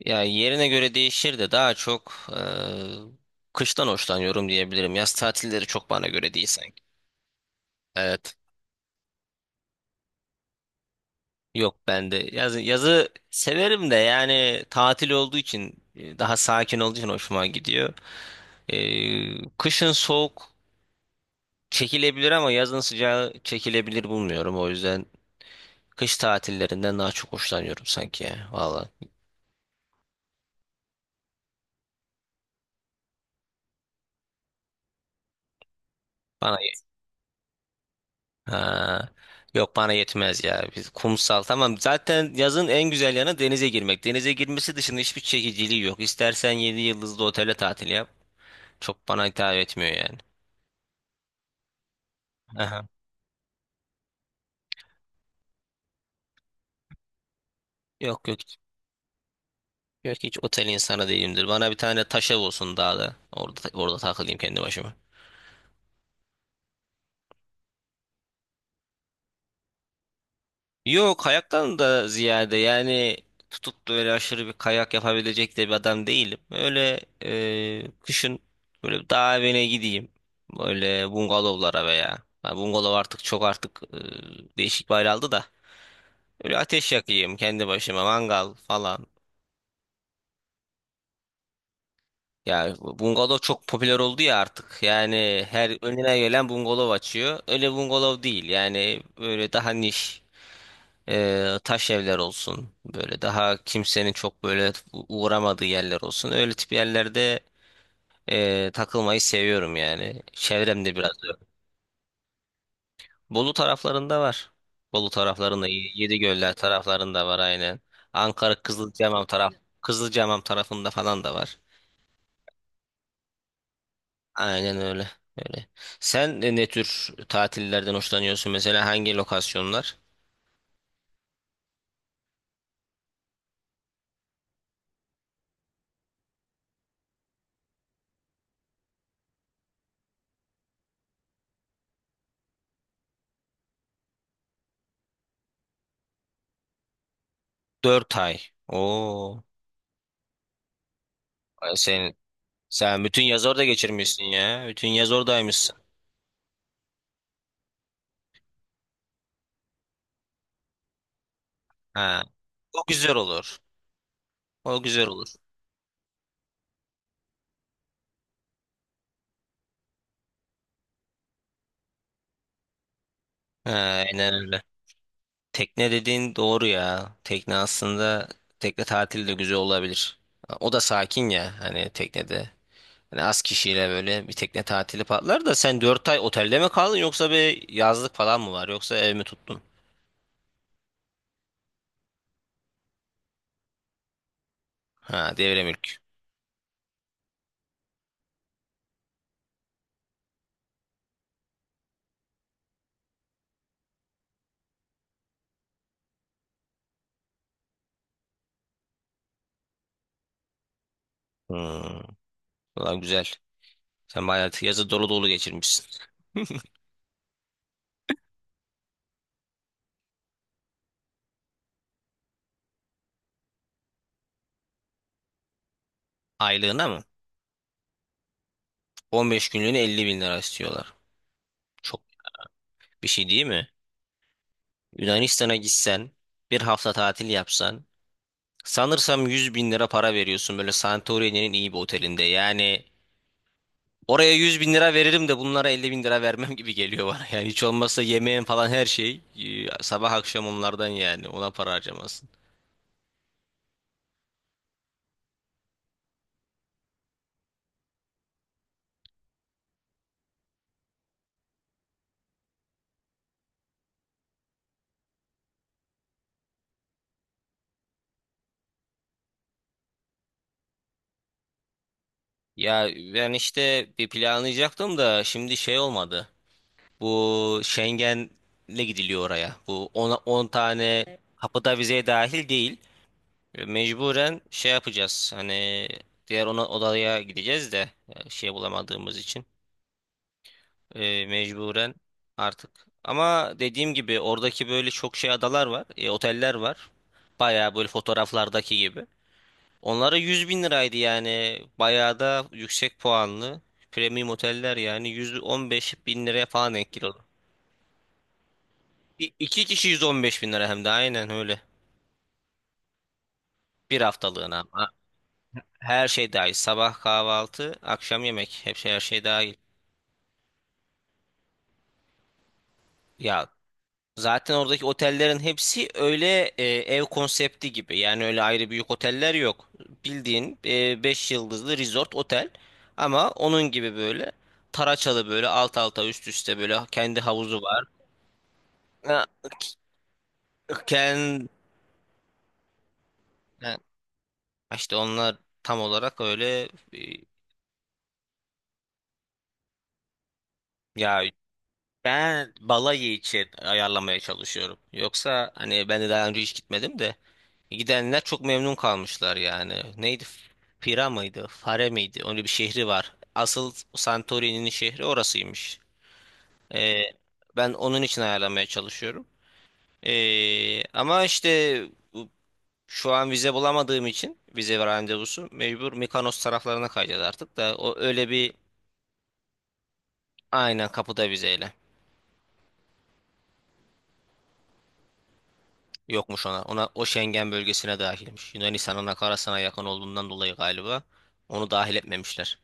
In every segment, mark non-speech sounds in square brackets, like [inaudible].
Ya yerine göre değişir de daha çok kıştan hoşlanıyorum diyebilirim. Yaz tatilleri çok bana göre değil sanki. Evet. Yok ben de yazı severim de yani tatil olduğu için daha sakin olduğu için hoşuma gidiyor. Kışın soğuk çekilebilir ama yazın sıcağı çekilebilir bulmuyorum. O yüzden kış tatillerinden daha çok hoşlanıyorum sanki ya. Valla. Bana ha. Yok bana yetmez ya. Biz kumsal tamam. Zaten yazın en güzel yanı denize girmek. Denize girmesi dışında hiçbir çekiciliği yok. İstersen 7 yıldızlı otele tatil yap. Çok bana hitap etmiyor yani. Aha. Yok yok. Yok hiç otel insanı değilimdir. Bana bir tane taş ev olsun dağda. Orada takılayım kendi başıma. Yok kayaktan da ziyade yani tutup da öyle aşırı bir kayak yapabilecek de bir adam değilim. Öyle kışın böyle dağ evine gideyim. Böyle bungalovlara veya ha, bungalov artık çok, değişik bir hal aldı da. Öyle ateş yakayım kendi başıma mangal falan. Ya bungalov çok popüler oldu ya artık. Yani her önüne gelen bungalov açıyor. Öyle bungalov değil. Yani böyle daha niş. Taş evler olsun böyle daha kimsenin çok böyle uğramadığı yerler olsun, öyle tip yerlerde takılmayı seviyorum yani, çevremde biraz öyle. Bolu taraflarında var, Bolu taraflarında, Yedigöller taraflarında var aynen. Ankara Kızılcahamam taraf, Kızılcahamam tarafında falan da var, aynen öyle öyle. Sen ne tür tatillerden hoşlanıyorsun mesela, hangi lokasyonlar? Dört ay, o. Sen bütün yaz orada geçirmişsin ya. Bütün yaz oradaymışsın. Ha. O güzel olur. O güzel olur. Ha, aynen öyle. Tekne dediğin doğru ya. Tekne aslında tekne tatili de güzel olabilir. O da sakin ya, hani teknede. Hani az kişiyle böyle bir tekne tatili patlar da, sen 4 ay otelde mi kaldın, yoksa bir yazlık falan mı var, yoksa ev mi tuttun? Ha, devre mülk. Hmm. Ulan güzel. Sen bayağı yazı dolu dolu geçirmişsin. [laughs] Aylığına mı? 15 günlüğüne 50 bin lira istiyorlar. Çok bir şey değil mi? Yunanistan'a gitsen, bir hafta tatil yapsan, sanırsam 100 bin lira para veriyorsun böyle Santorini'nin iyi bir otelinde. Yani oraya 100 bin lira veririm de bunlara 50 bin lira vermem [laughs] gibi geliyor bana. Yani hiç olmazsa yemeğin falan, her şey sabah akşam onlardan, yani ona para harcamasın. Ya ben işte bir planlayacaktım da şimdi şey olmadı. Bu Schengen'le gidiliyor oraya. Bu 10 tane kapıda vizeye dahil değil. Mecburen şey yapacağız. Hani diğer ona odaya gideceğiz de, şey bulamadığımız için, mecburen artık. Ama dediğim gibi oradaki böyle çok şey adalar var, oteller var. Bayağı böyle fotoğraflardaki gibi. Onlara 100 bin liraydı yani. Bayağı da yüksek puanlı. Premium oteller yani 115 bin liraya falan denk geliyor. İki kişi 115 bin lira, hem de aynen öyle. Bir haftalığına, ama her şey dahil. Sabah kahvaltı, akşam yemek. Hepsi her şey dahil. Ya zaten oradaki otellerin hepsi öyle ev konsepti gibi. Yani öyle ayrı büyük oteller yok. Bildiğin 5 yıldızlı resort otel, ama onun gibi böyle taraçalı, böyle alt alta üst üste, böyle kendi havuzu var. Ha, Ken, ha, işte onlar tam olarak öyle. e, Ya ben balayı için ayarlamaya çalışıyorum. Yoksa hani ben de daha önce hiç gitmedim de, gidenler çok memnun kalmışlar yani. Neydi? Pira mıydı? Fare miydi? Öyle bir şehri var. Asıl Santorini'nin şehri orasıymış. Ee, Ben onun için ayarlamaya çalışıyorum. Ama işte bu- şu an vize bulamadığım için, vize ve randevusu, mecbur Mikonos taraflarına kayacağız artık da, o öyle bir aynen, kapıda vizeyle. Yokmuş ona. Ona o Schengen bölgesine dahilmiş. Yunanistan'ın akarasına yakın olduğundan dolayı galiba onu dahil etmemişler.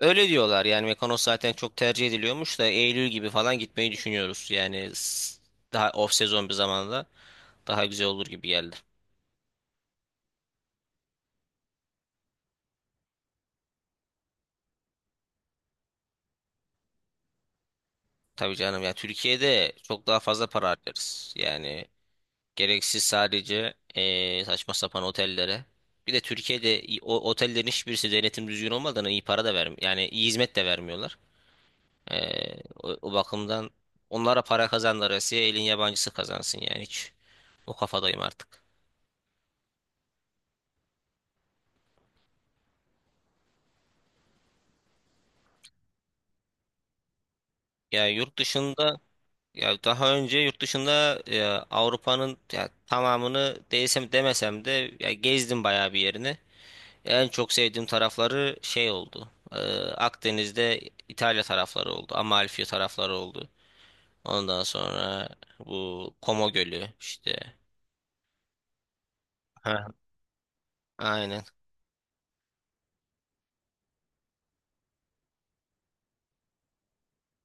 Öyle diyorlar yani, Mekanos zaten çok tercih ediliyormuş da, Eylül gibi falan gitmeyi düşünüyoruz. Yani daha off sezon bir zamanda daha güzel olur gibi geldi. Tabii canım ya, Türkiye'de çok daha fazla para harcarız. Yani gereksiz, sadece saçma sapan otellere. Bir de Türkiye'de o otellerin hiçbirisi denetim düzgün olmadan iyi para da vermiyor. Yani iyi hizmet de vermiyorlar. O bakımdan onlara para kazandılar. Elin yabancısı kazansın yani, hiç. O kafadayım artık. Yani yurt dışında, ya daha önce yurt dışında Avrupa'nın ya, tamamını demesem de ya, gezdim bayağı bir yerini. En çok sevdiğim tarafları şey oldu. Akdeniz'de İtalya tarafları oldu. Amalfi tarafları oldu. Ondan sonra bu Como Gölü işte. Ha. Aynen.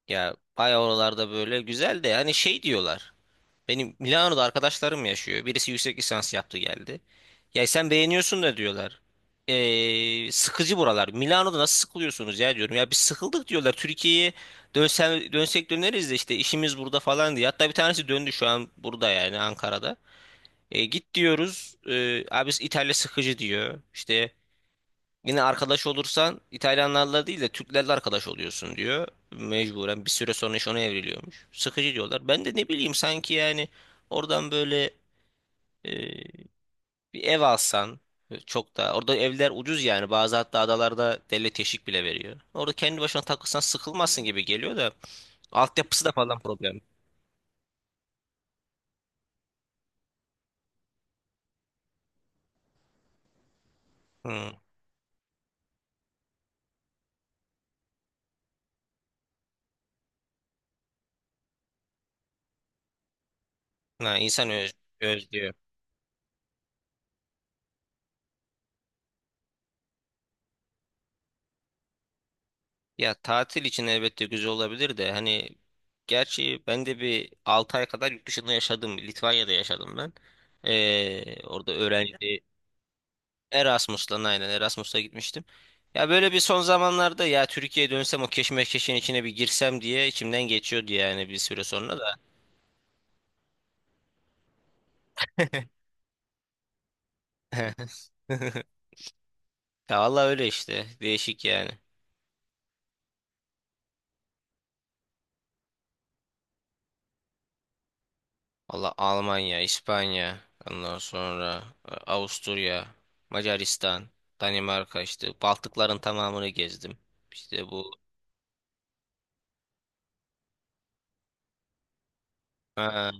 Ya bayağı oralarda böyle güzel de, hani şey diyorlar. Benim Milano'da arkadaşlarım yaşıyor. Birisi yüksek lisans yaptı geldi. Ya sen beğeniyorsun da diyorlar. Sıkıcı buralar. Milano'da nasıl sıkılıyorsunuz ya diyorum. Ya biz sıkıldık diyorlar. Türkiye'ye dönsen, dönsek döneriz de, işte işimiz burada falan diye. Hatta bir tanesi döndü, şu an burada, yani Ankara'da. E, git diyoruz. E, abi İtalya sıkıcı diyor. İşte yine arkadaş olursan İtalyanlarla değil de Türklerle arkadaş oluyorsun diyor. Mecburen bir süre sonra iş ona evriliyormuş. Sıkıcı diyorlar. Ben de ne bileyim, sanki yani oradan böyle e, bir ev alsan, çok da orada evler ucuz yani, bazı hatta adalarda devlet teşvik bile veriyor. Orada kendi başına takılsan sıkılmazsın gibi geliyor da, altyapısı da falan problem. Hmm. Ha, insan öz, özlüyor. Ya tatil için elbette güzel olabilir de, hani gerçi ben de bir 6 ay kadar yurt dışında yaşadım. Litvanya'da yaşadım ben. Orada öğrenci. Erasmus'la, aynen Erasmus'la gitmiştim. Ya böyle bir son zamanlarda ya Türkiye'ye dönsem, o keşmekeşin içine bir girsem diye içimden geçiyordu yani, bir süre sonra da. [laughs] [laughs] Ya vallahi öyle işte, değişik yani. Valla Almanya, İspanya, ondan sonra Avusturya, Macaristan, Danimarka, işte Baltıkların tamamını gezdim. İşte bu, ha,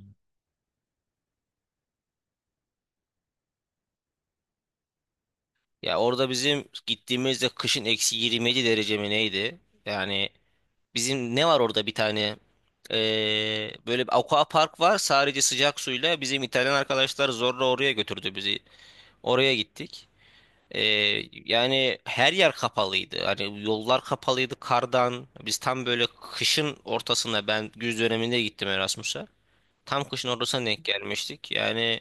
ya orada bizim gittiğimizde kışın eksi 27 derece mi neydi? Yani bizim ne var orada, bir tane e, böyle bir aqua park var sadece sıcak suyla, bizim İtalyan arkadaşlar zorla oraya götürdü bizi. Oraya gittik. Ee, Yani her yer kapalıydı. Hani yollar kapalıydı kardan. Biz tam böyle kışın ortasında, ben güz döneminde gittim Erasmus'a. Tam kışın ortasına denk gelmiştik. Yani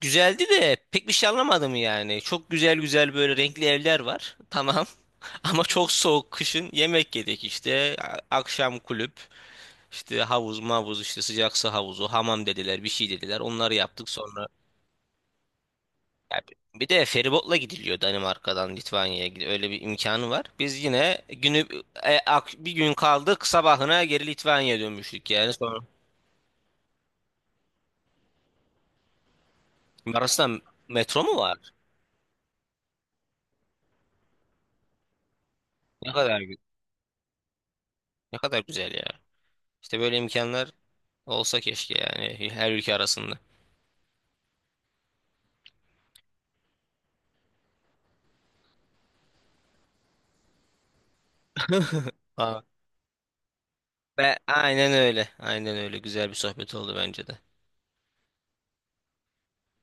güzeldi de pek bir şey anlamadım yani. Çok güzel güzel böyle renkli evler var. Tamam. [laughs] Ama çok soğuk kışın, yemek yedik işte. A- Akşam kulüp, işte havuz mavuz, işte sıcak su havuzu, hamam dediler, bir şey dediler, onları yaptık. Ya bir de feribotla gidiliyor Danimarka'dan Litvanya'ya. Öyle bir imkanı var. Biz yine günü, bir gün kaldık, sabahına geri Litvanya'ya dönmüştük yani. Sonra arasında metro mu var? Ne kadar ne kadar güzel ya. İşte böyle imkanlar olsa keşke, yani her ülke arasında. Aa, ve aynen öyle. Aynen öyle. Güzel bir sohbet oldu bence de.